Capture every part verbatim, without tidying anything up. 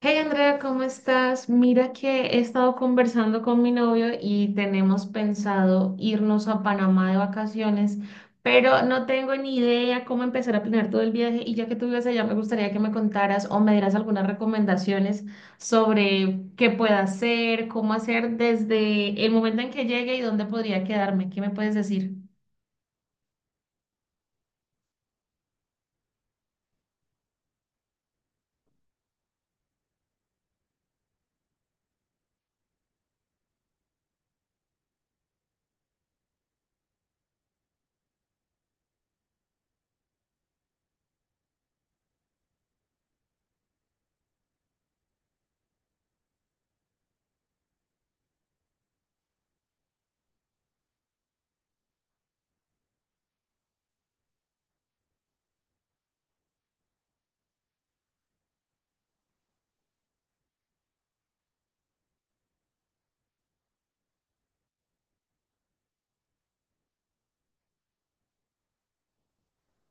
Hey Andrea, ¿cómo estás? Mira que he estado conversando con mi novio y tenemos pensado irnos a Panamá de vacaciones, pero no tengo ni idea cómo empezar a planear todo el viaje y ya que tú vives allá me gustaría que me contaras o me dieras algunas recomendaciones sobre qué pueda hacer, cómo hacer desde el momento en que llegue y dónde podría quedarme. ¿Qué me puedes decir?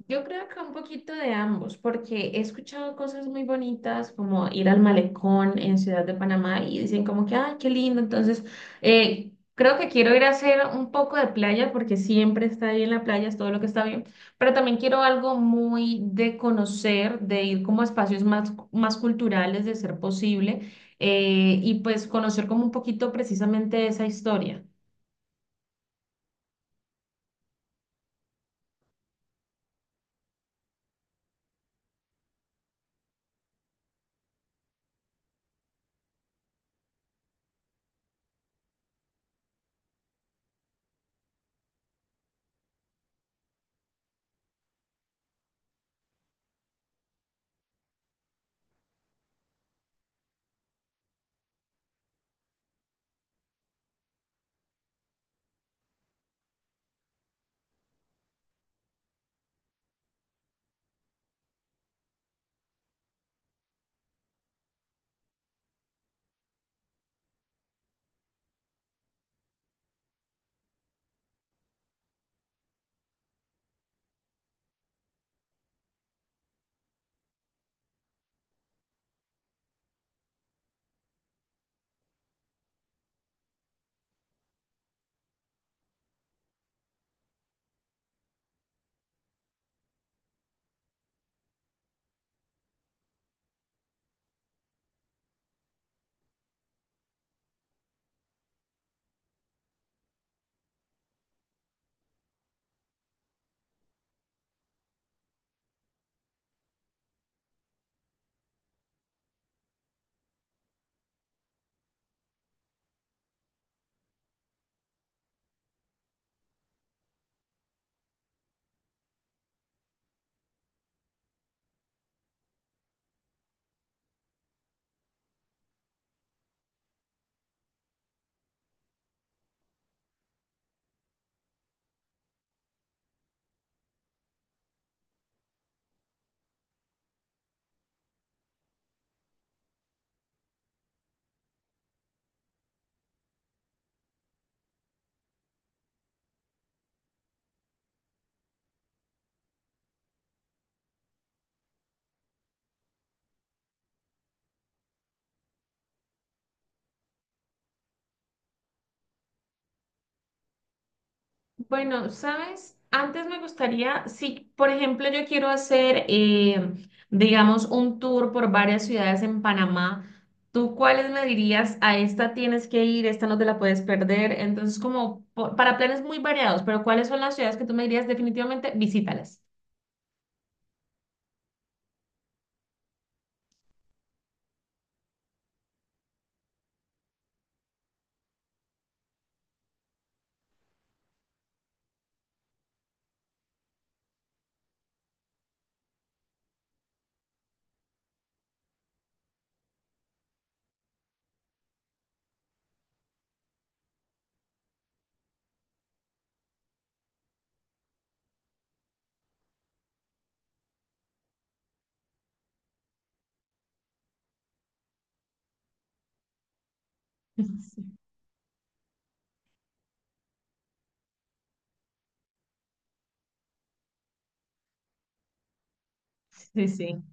Yo creo que un poquito de ambos, porque he escuchado cosas muy bonitas como ir al malecón en Ciudad de Panamá y dicen como que, ay, qué lindo. Entonces, eh, creo que quiero ir a hacer un poco de playa porque siempre está ahí en la playa, es todo lo que está bien, pero también quiero algo muy de conocer, de ir como a espacios más, más culturales de ser posible, eh, y pues conocer como un poquito precisamente esa historia. Bueno, ¿sabes? Antes me gustaría, si por ejemplo yo quiero hacer, eh, digamos, un tour por varias ciudades en Panamá, ¿tú cuáles me dirías? A esta tienes que ir, esta no te la puedes perder. Entonces, como po- para planes muy variados, pero ¿cuáles son las ciudades que tú me dirías definitivamente visítalas? Sí, sí.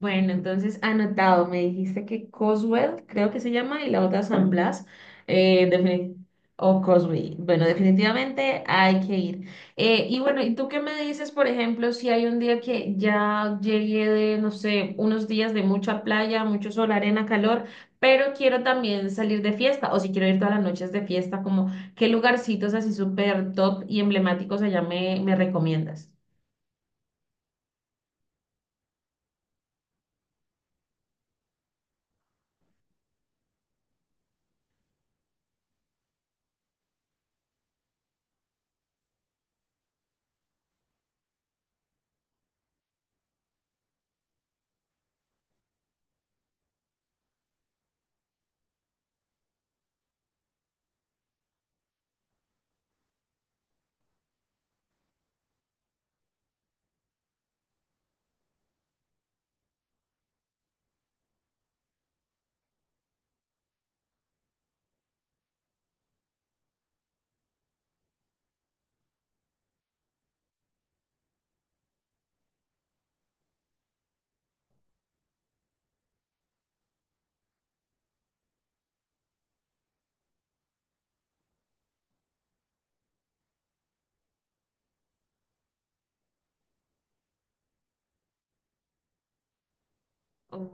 Bueno, entonces anotado, me dijiste que Coswell, creo que se llama, y la otra San Blas, eh, defini- o Cosby. Bueno, definitivamente hay que ir. Eh, y bueno, ¿y tú qué me dices, por ejemplo, si hay un día que ya llegué de, no sé, unos días de mucha playa, mucho sol, arena, calor, pero quiero también salir de fiesta, o si quiero ir todas las noches de fiesta, como qué lugarcitos así súper top y emblemáticos allá me, me recomiendas? Ok.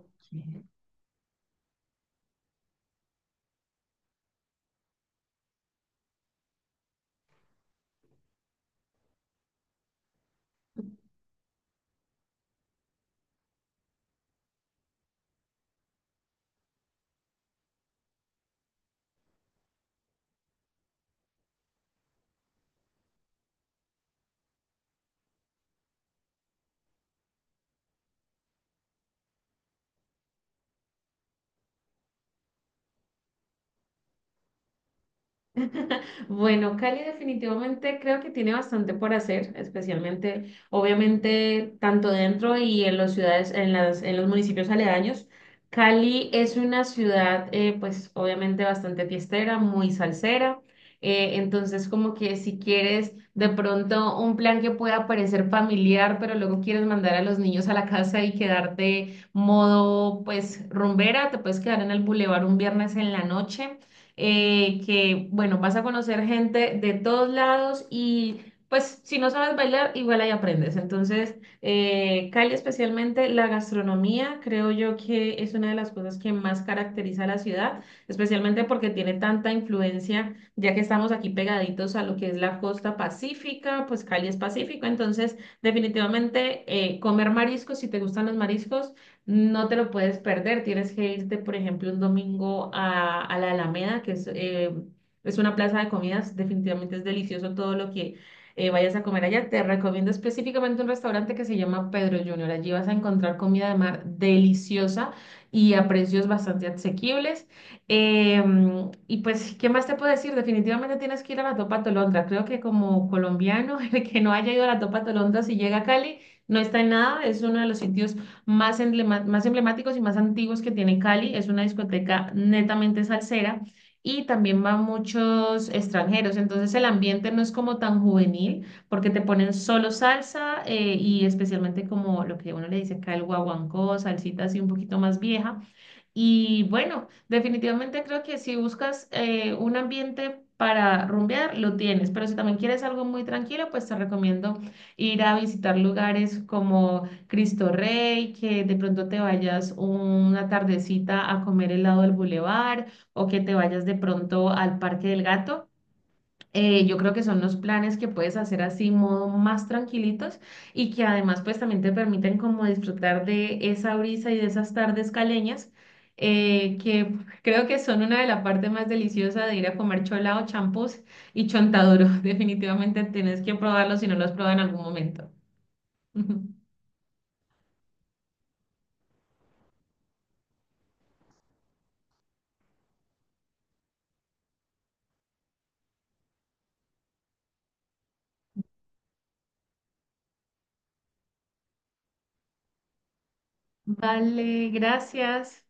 Bueno, Cali definitivamente creo que tiene bastante por hacer, especialmente, obviamente, tanto dentro y en las ciudades, en las, en los municipios aledaños. Cali es una ciudad, eh, pues, obviamente bastante fiestera, muy salsera. Eh, entonces, como que si quieres de pronto un plan que pueda parecer familiar, pero luego quieres mandar a los niños a la casa y quedarte modo, pues, rumbera, te puedes quedar en el bulevar un viernes en la noche, eh, que bueno, vas a conocer gente de todos lados y pues si no sabes bailar, igual ahí aprendes. Entonces, eh, Cali especialmente, la gastronomía, creo yo que es una de las cosas que más caracteriza a la ciudad, especialmente porque tiene tanta influencia, ya que estamos aquí pegaditos a lo que es la costa pacífica, pues Cali es pacífico, entonces definitivamente eh, comer mariscos, si te gustan los mariscos. No te lo puedes perder. Tienes que irte, por ejemplo, un domingo a, a la Alameda, que es, eh, es una plaza de comidas. Definitivamente es delicioso todo lo que eh, vayas a comer allá. Te recomiendo específicamente un restaurante que se llama Pedro Junior. Allí vas a encontrar comida de mar deliciosa y a precios bastante asequibles. Em, y pues, ¿qué más te puedo decir? Definitivamente tienes que ir a la Topa Tolondra. Creo que como colombiano, el que no haya ido a la Topa Tolondra, si llega a Cali, no está en nada. Es uno de los sitios más, emblema- más emblemáticos y más antiguos que tiene Cali. Es una discoteca netamente salsera y también van muchos extranjeros. Entonces el ambiente no es como tan juvenil porque te ponen solo salsa, eh, y especialmente como lo que uno le dice acá el guaguancó, salsita así un poquito más vieja. Y bueno, definitivamente creo que si buscas eh, un ambiente para rumbear, lo tienes, pero si también quieres algo muy tranquilo, pues te recomiendo ir a visitar lugares como Cristo Rey, que de pronto te vayas una tardecita a comer helado del bulevar o que te vayas de pronto al Parque del Gato. Eh, yo creo que son los planes que puedes hacer así, modo más tranquilitos y que además pues también te permiten como disfrutar de esa brisa y de esas tardes caleñas, eh, que creo que son una de las partes más deliciosas de ir a comer cholado, champús y chontaduro. Definitivamente tienes que probarlo si no lo has probado en algún momento. Vale, gracias.